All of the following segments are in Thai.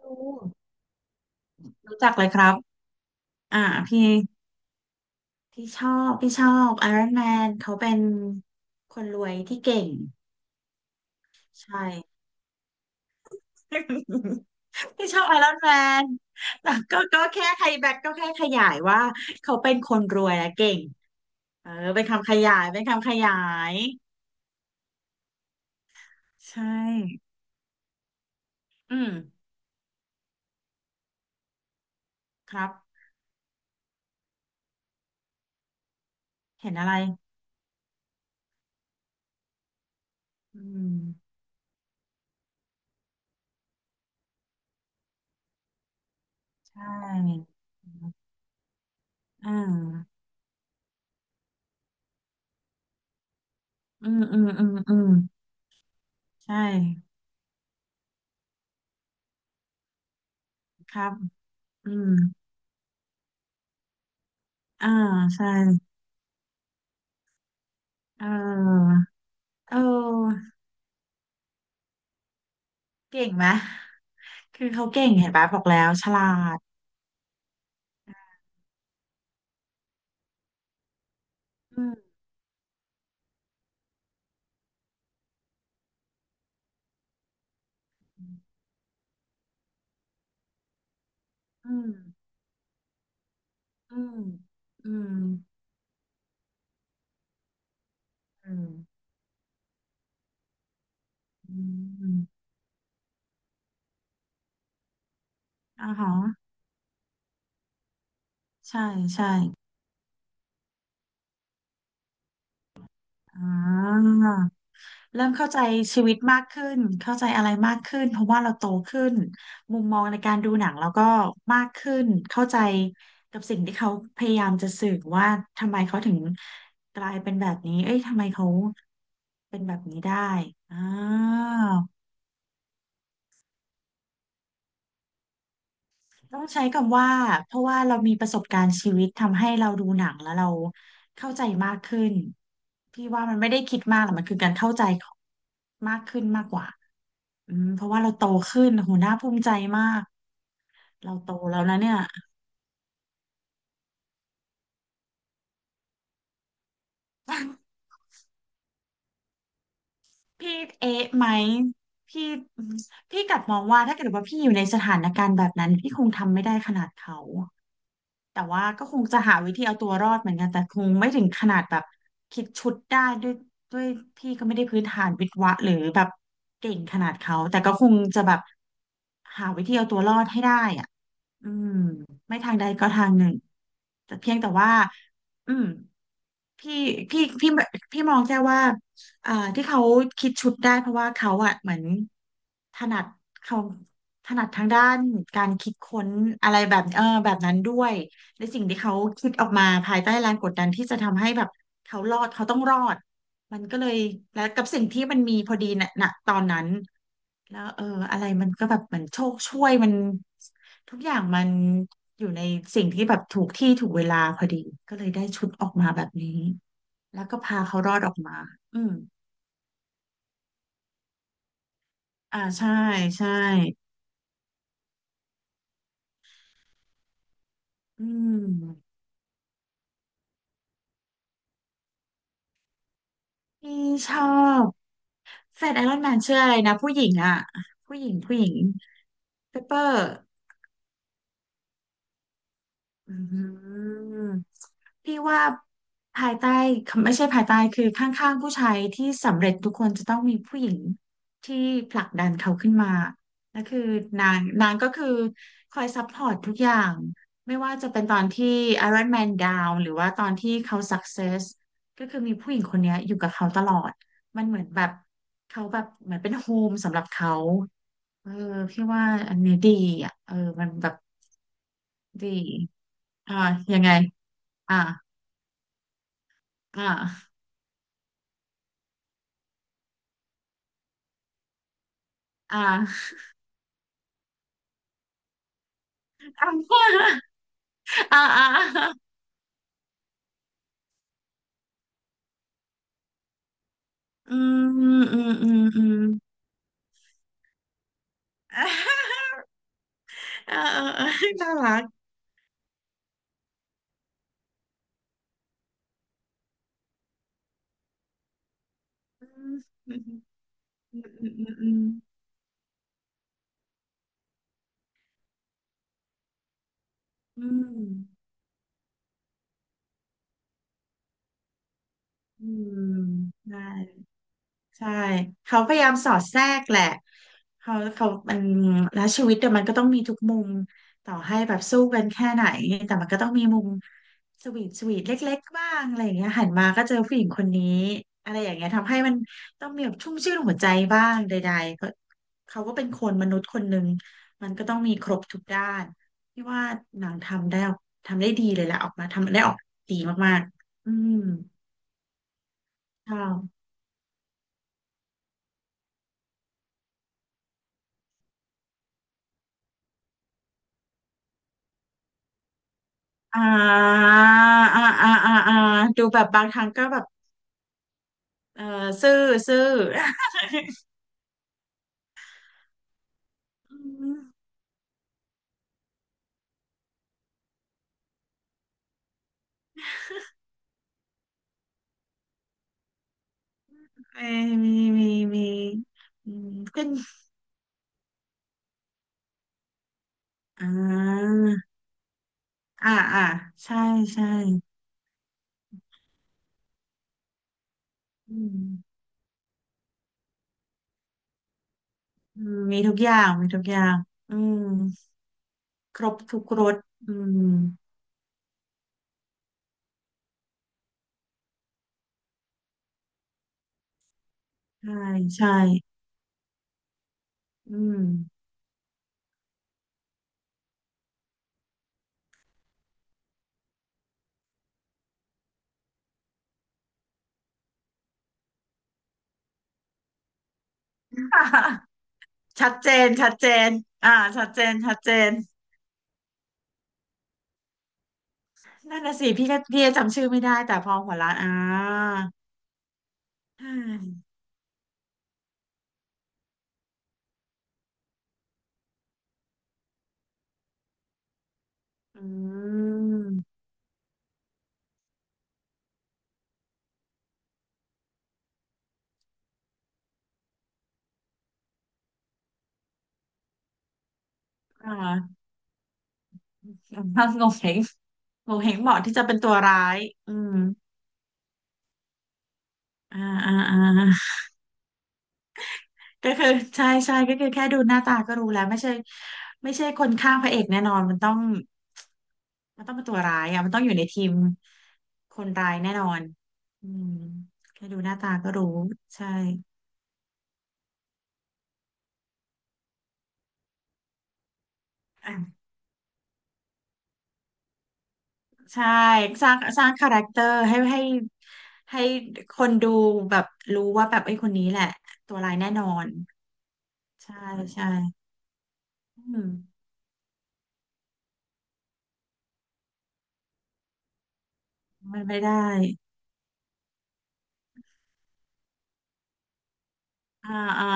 รู้รู้จักเลยครับอ่าพี่พี่ชอบไอรอนแมนเขาเป็นคนรวยที่เก่งใช่ พี่ชอบไอรอนแมนแต่ก็แค่ไฮแบ็กก็แค่ขยายว่าเขาเป็นคนรวยและเก่งเออเป็นคำขยายเป็นคำขยายใช่อืมครับเห็นอะไรอืมใช่อ่าอืมอืมอืมอืมใช่ครับอืมอ่าใช่ เออเออเก่งไหม คือเขาเก่งเห็นปะบอกแล้วฉลาดอืมอืมอืมอืมอืมอืมอืมอ๋อฮะใช่ใช่อ๋อ เริ่มเข้าใจชีวิตมากขึ้นเข้าใจอะไรมากขึ้นเพราะว่าเราโตขึ้นมุมมองในการดูหนังเราก็มากขึ้นเข้าใจกับสิ่งที่เขาพยายามจะสื่อว่าทำไมเขาถึงกลายเป็นแบบนี้เอ้ยทำไมเขาเป็นแบบนี้ได้อ่า ต้องใช้คำว่าเพราะว่าเรามีประสบการณ์ชีวิตทำให้เราดูหนังแล้วเราเข้าใจมากขึ้นพี่ว่ามันไม่ได้คิดมากหรอกมันคือการเข้าใจของมากขึ้นมากกว่าอืมเพราะว่าเราโตขึ้นโหน่าภูมิใจมากเราโตแล้วนะเนี่ย พี่เอ๊ะไหมพี่พี่กลับมองว่าถ้าเกิดว่าพี่อยู่ในสถานการณ์แบบนั้นพี่คงทำไม่ได้ขนาดเขา แต่ว่าก็คงจะหาวิธีเอาตัวรอดเหมือนกันแต่คงไม่ถึงขนาดแบบคิดชุดได้ด้วยพี่ก็ไม่ได้พื้นฐานวิศวะหรือแบบเก่งขนาดเขาแต่ก็คงจะแบบหาวิธีเอาตัวรอดให้ได้อ่ะอืมไม่ทางใดก็ทางหนึ่งแต่เพียงแต่ว่าอืม พี่พี่พี่พี่มองแค่ว่าที่เขาคิดชุดได้เพราะว่าเขาอะเหมือนถนัดเขาถนัดทางด้านการคิดค้นอะไรแบบเออแบบนั้นด้วยในสิ่งที่เขาคิดออกมาภายใต้แรงกดดันที่จะทำให้แบบเขารอดเขาต้องรอดมันก็เลยแล้วกับสิ่งที่มันมีพอดีน่ะณตอนนั้นแล้วเอออะไรมันก็แบบเหมือนโชคช่วยมัน ทุกอย่างมันอยู่ในสิ่งที่แบบถูกที่ถูกเวลาพอดีก็เลยได้ชุดออกมาแบบนี้แล้วก็พาเขารอดออกมา อืม อ่าใช่ใช่ อืมพี่ชอบแฟนไอรอนแมนชื่ออะไรนะผู้หญิงอ่ะผู้หญิงผู้หญิงเปเปอร์ อืมพี่ว่าภายใต้ไม่ใช่ภายใต้คือข้างๆผู้ชายที่สำเร็จทุกคนจะต้องมีผู้หญิงที่ผลักดันเขาขึ้นมาและคือนางก็คือคอยซัพพอร์ตทุกอย่างไม่ว่าจะเป็นตอนที่ Iron Man Down หรือว่าตอนที่เขา Success ก็คือมีผู้หญิงคนเนี้ยอยู่กับเขาตลอดมันเหมือนแบบเขาแบบเหมือนเป็นโฮมสำหรับเขาเออพี่ว่าอันนี้ดีอ่ะเออมันแบบดีอ่ายังไง อ่าอ่าอ่าอ่าอ่าอ่าอืมอืมอืมอืมอ่าเออเออเออน่ารักอืมอืมอืมอืมอืมอืมอืมได้ ใช่เขาพยายามสอดแทรกแหละเขามันแล้วชีวิตเดี๋ยวมันก็ต้องมีทุกมุมต่อให้แบบสู้กันแค่ไหนแต่มันก็ต้องมีมุมสวีทสวีทเล็กๆบ้างอะไรอย่างเงี้ยหันมาก็เจอผู้หญิงคนนี้อะไรอย่างเงี้ยทำให้มันต้องมีแบบชุ่มชื่นหัวใจบ้างใดๆเพราะเขาก็เป็นคนมนุษย์คนหนึ่งมันก็ต้องมีครบทุกด้านพี่ว่าหนังทำได้ทำได้ดีเลยแหละออกมาทำได้ออกดีมากๆอืมค่ะ อ่าอ่าอ่าอ่าอ่าดูแบบบางครั้งก็แบบเออซื่อซื่อ อืมมีมีมีมีอืมขึ้นอ่าอ่าอ่าใช่ใช่อืมอืมมีทุกอย่างมีทุกอย่างอืมครบทุกรสอืมใช่ใช่อืม ชัดเจนชัดเจนอ่าชัดเจนชัดเจนนั่นน่ะสิพี่ก็พี่จำชื่อไม่ได้แต่พอหัวล้านอ่า อืมอ่าถ้างงเหงงงเหงเหมาะที่จะเป็นตัวร้ายอืมอ่าอ่าอ่าก็คือใช่ใช่ก็คือแค่ดูหน้าตาก็รู้แล้วไม่ใช่ไม่ใช่คนข้างพระเอกแน่นอนมันต้องมันต้องเป็นตัวร้ายอ่ะมันต้องอยู่ในทีมคนร้ายแน่นอนอืมแค่ดูหน้าตาก็รู้ใช่อ่ะใช่สร้างคาแรคเตอร์ให้คนดูแบบรู้ว่าแบบไอ้ยคนนี้แหละตัวร้ายแน่นอน ใช่ใช่อืมมันไม่ได้ อ่าอ่า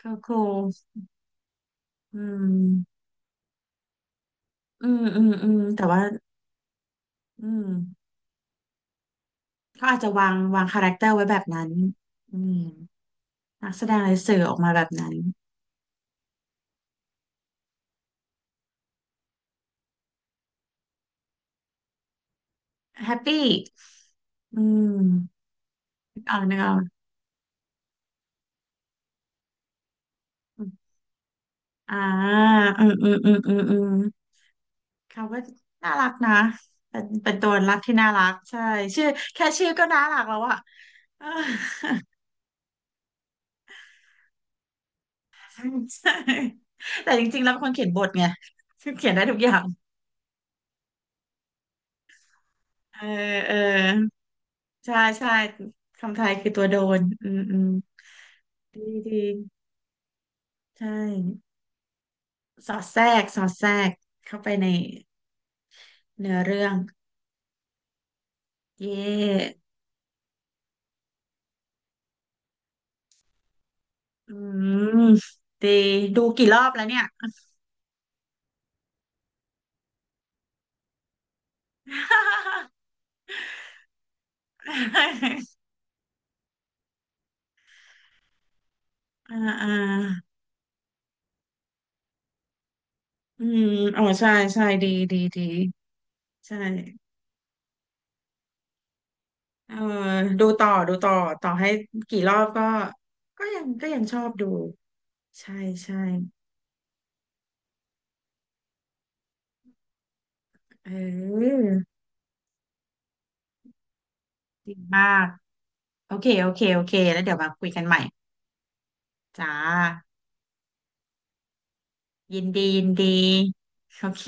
ก็ครูอืมอืมอืมอืมแต่ว่าอืมเขาอาจจะวางคาแรคเตอร์ไว้แบบนั้นอืมนักแสดงเลยสื่อออกมาแบบนั้น แฮปปี้อืมนึกออกนึกออกอ่าอืมอืมอืมอืมอืมเขาก็น่ารักนะ เป็นเป็นตัวรักที่น่ารักใช่ชื่อแค่ชื่อก็น่ารักแล้วอะเออ ใช่แต่จริงๆแล้วเป็นคนเขียนบทไงเขียนได้ทุกอย่างเออเออใช่ใช่คำไทยคือตัวโดนอืมอืมดีดีใช่สอดแทรกสอดแทรกเข้าไปในเนื้อเรื่องเย่อืมดีดูกี่รอบแล้วเนี่ย อ่าอ่าอืมอ๋อใช่ใช่ดีดีดีใช่ เออดูต่อดูต่อต่อให้กี่รอบก็ก็ยังก็ยังชอบดูใช่ใช่เออดีมากโอเคโอเคโอเคแล้วเดี๋ยวมาคุยกันใหม่จ้ายินดียินดีโอเค